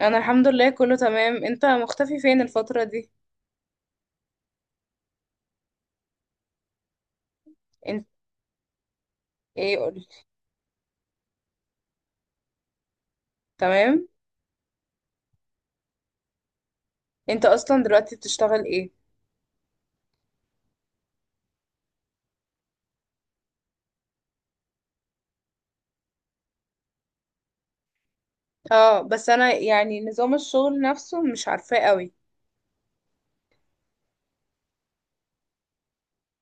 انا الحمد لله، كله تمام. انت مختفي فين الفترة دي؟ انت؟ ايه قولي. تمام. انت اصلا دلوقتي بتشتغل ايه؟ اه، بس انا يعني نظام الشغل نفسه مش عارفاه قوي.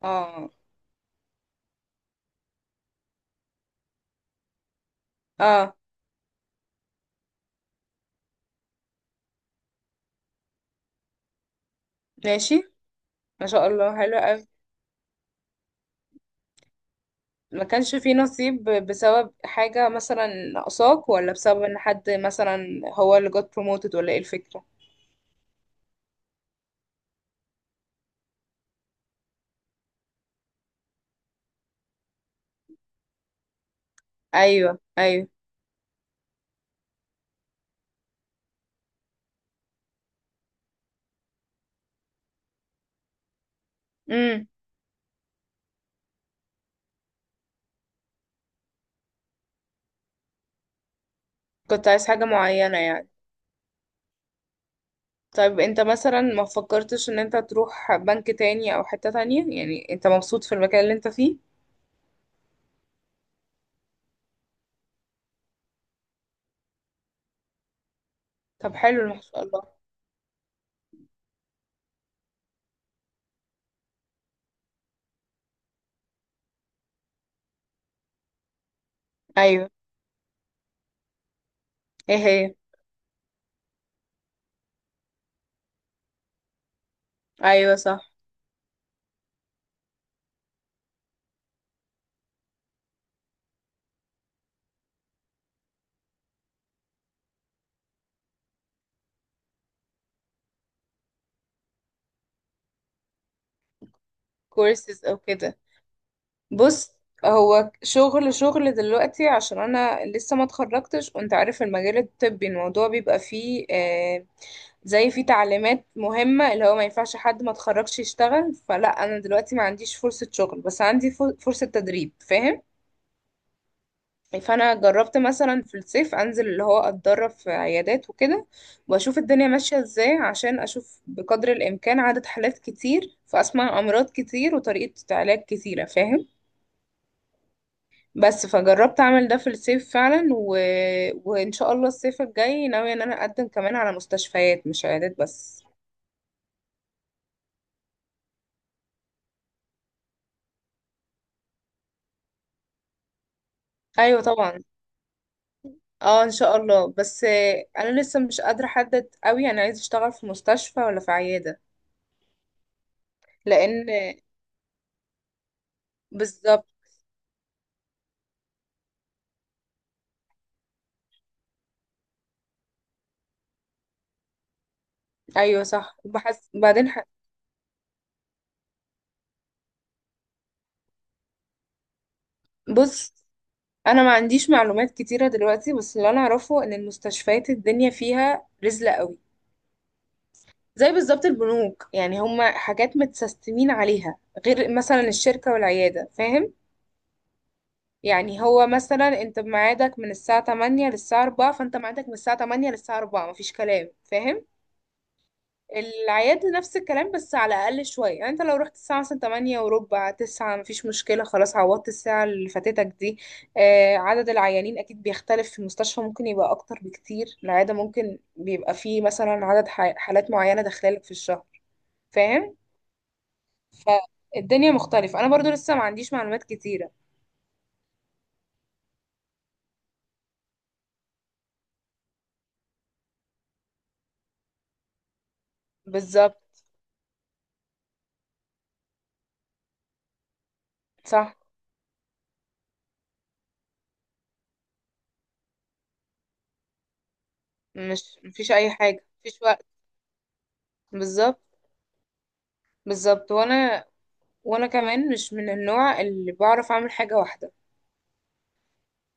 اه، اه، ماشي. ما شاء الله، حلو قوي. ما كانش فيه نصيب بسبب حاجة، مثلا ناقصاك، ولا بسبب ان حد مثلا هو اللي got promoted، ولا ايه الفكرة؟ ايوه، ايوه. امم. كنت عايز حاجة معينة يعني؟ طيب انت مثلا ما فكرتش ان انت تروح بنك تاني او حتة تانية؟ يعني انت مبسوط في المكان اللي انت فيه؟ طب حلو، ما شاء الله. ايوه. ايه هي؟ ايوه، صح. كورسز او كده؟ بص. هو شغل شغل دلوقتي عشان انا لسه ما اتخرجتش، وانت عارف المجال الطبي الموضوع بيبقى فيه زي فيه تعليمات مهمة، اللي هو ما ينفعش حد ما اتخرجش يشتغل. فلا انا دلوقتي ما عنديش فرصة شغل، بس عندي فرصة تدريب، فاهم؟ فانا جربت مثلا في الصيف انزل، اللي هو اتدرب في عيادات وكده، واشوف الدنيا ماشيه ازاي، عشان اشوف بقدر الامكان عدد حالات كتير، فاسمع امراض كتير وطريقه علاج كتيره، فاهم؟ بس فجربت اعمل ده في الصيف فعلا. وان شاء الله الصيف الجاي ناويه ان انا اقدم كمان على مستشفيات، مش عيادات بس. ايوه طبعا. اه ان شاء الله، بس انا لسه مش قادره احدد قوي انا عايزه اشتغل في مستشفى ولا في عياده. لان. بالظبط. ايوه صح وبحس بعدين. بص. انا ما عنديش معلومات كتيره دلوقتي، بس اللي انا اعرفه ان المستشفيات الدنيا فيها رزله قوي. زي بالظبط البنوك، يعني هما حاجات متسستمين عليها، غير مثلا الشركه والعياده، فاهم؟ يعني هو مثلا انت بميعادك من الساعه 8 للساعه 4، فانت ميعادك من الساعه 8 للساعه 4، مفيش كلام، فاهم؟ العيادة نفس الكلام، بس على أقل شوية. يعني انت لو رحت الساعة مثلا تمانية وربع، تسعة، مفيش مشكلة، خلاص عوضت الساعة اللي فاتتك دي. عدد العيانين أكيد بيختلف، في المستشفى ممكن يبقى أكتر بكتير. العيادة ممكن بيبقى فيه مثلا عدد حالات معينة داخلالك في الشهر، فاهم؟ فالدنيا مختلفة، أنا برضو لسه ما عنديش معلومات كتيرة. بالظبط، صح. مش مفيش أي حاجة، مفيش وقت. بالظبط، بالظبط. وأنا كمان مش من النوع اللي بعرف أعمل حاجة واحدة.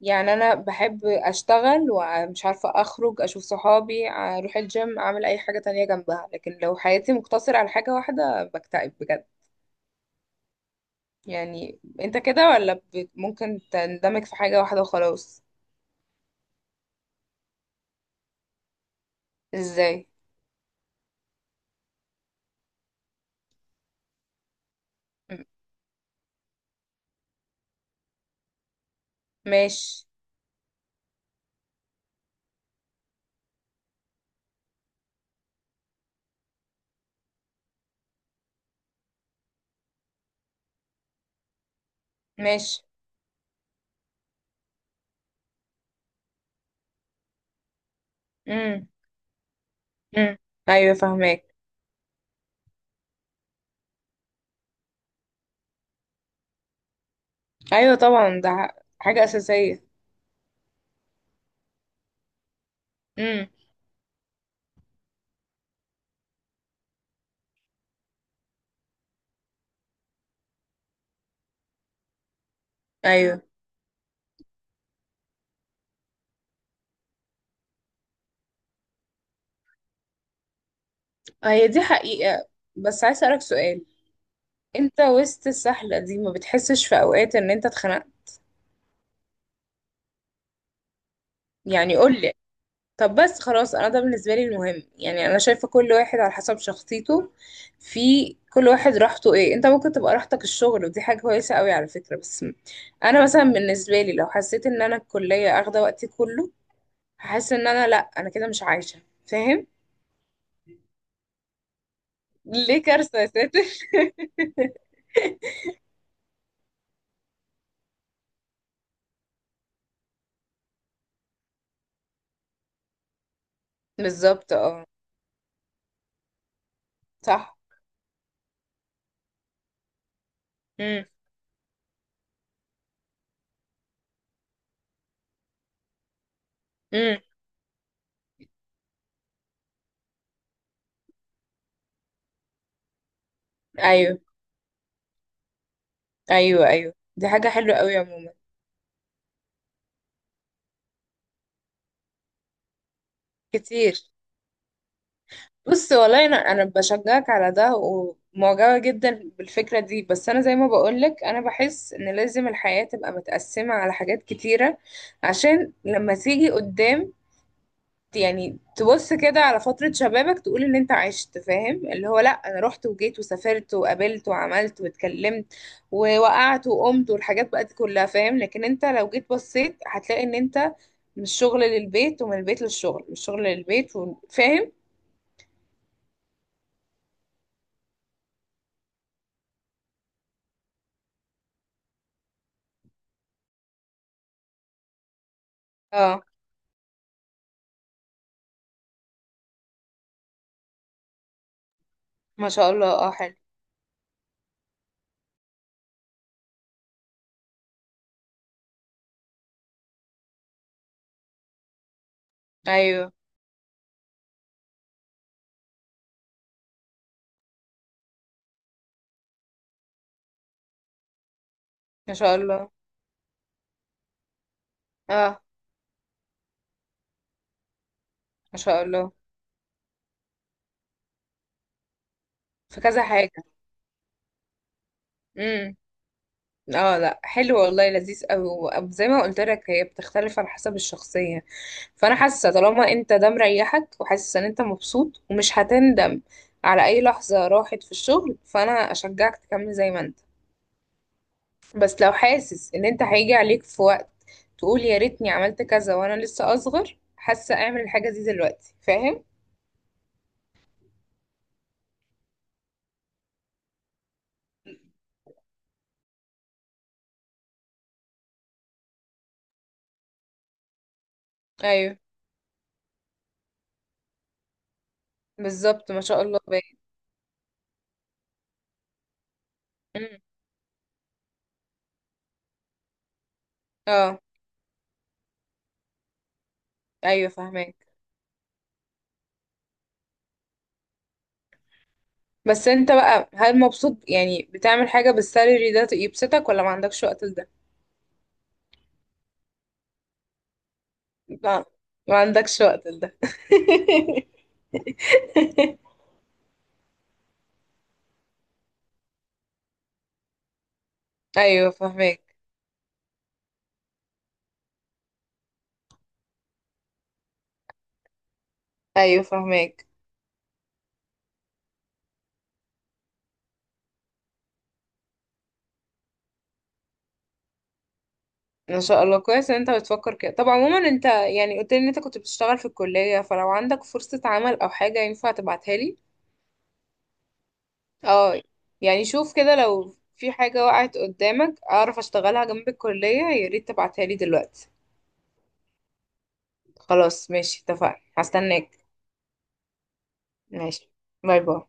يعني انا بحب اشتغل، ومش عارفة اخرج اشوف صحابي، اروح الجيم، اعمل اي حاجة تانية جنبها. لكن لو حياتي مقتصرة على حاجة واحدة بكتئب بجد. يعني انت كده، ولا ممكن تندمج في حاجة واحدة وخلاص؟ ازاي؟ م- ماشي. ماشي. امم. امم. ايوه، فاهماك. ايوه طبعا، ده حاجة اساسية. امم. ايوه. هي دي حقيقة. بس عايز اسألك سؤال. انت وسط السحلة دي ما بتحسش في اوقات ان انت اتخنقت؟ يعني قول لي. طب بس خلاص. انا ده بالنسبه لي المهم، يعني انا شايفه كل واحد على حسب شخصيته. في كل واحد راحته ايه. انت ممكن تبقى راحتك الشغل، ودي حاجه كويسه قوي على فكره، بس انا مثلا بالنسبه لي لو حسيت ان انا الكليه اخده وقتي كله، هحس ان انا، لا، انا كده مش عايشه، فاهم؟ ليه كارثه يا ساتر؟ بالظبط، اه. صح. امم، امم. ايوه، ايوه، ايوه، دي حاجه حلوه قوي عموما. كتير. بص، والله انا بشجعك على ده، ومعجبه جدا بالفكره دي، بس انا زي ما بقولك انا بحس ان لازم الحياه تبقى متقسمه على حاجات كتيره، عشان لما تيجي قدام، يعني تبص كده على فتره شبابك تقول ان انت عشت، فاهم؟ اللي هو لا، انا رحت وجيت وسافرت وقابلت وعملت واتكلمت ووقعت وقمت، والحاجات بقى دي كلها، فاهم؟ لكن انت لو جيت بصيت هتلاقي ان انت من الشغل للبيت، ومن البيت للشغل، من الشغل للبيت، وفاهم. ما شاء الله، اه، حلو. ايوه. ما شاء الله. اه. ما شاء الله. في كذا حاجة. امم. اه لا، حلو والله، لذيذ قوي. زي ما قلت لك هي بتختلف على حسب الشخصية. فانا حاسة طالما انت ده مريحك، وحاسس ان انت مبسوط، ومش هتندم على اي لحظة راحت في الشغل، فانا اشجعك تكمل زي ما انت. بس لو حاسس ان انت هيجي عليك في وقت تقول يا ريتني عملت كذا، وانا لسه اصغر حاسة اعمل الحاجة دي دلوقتي، فاهم؟ ايوه. بالظبط، ما شاء الله. باين. اه، ايوه، فاهمك. بس انت بقى هل مبسوط يعني بتعمل حاجة بالسالري ده يبسطك، ولا ما عندكش وقت لده؟ لا. ما عندكش وقت لده. ايوه، فاهمك. ايوه، فاهمك. ان شاء الله، كويس ان انت بتفكر كده. طب عموما انت يعني قلت لي ان انت كنت بتشتغل في الكلية، فلو عندك فرصة عمل او حاجة ينفع تبعتها لي. اه. يعني شوف كده لو في حاجة وقعت قدامك اعرف اشتغلها جنب الكلية، يا ريت تبعتها لي دلوقتي. خلاص، ماشي، اتفقنا، هستناك. ماشي. باي باي.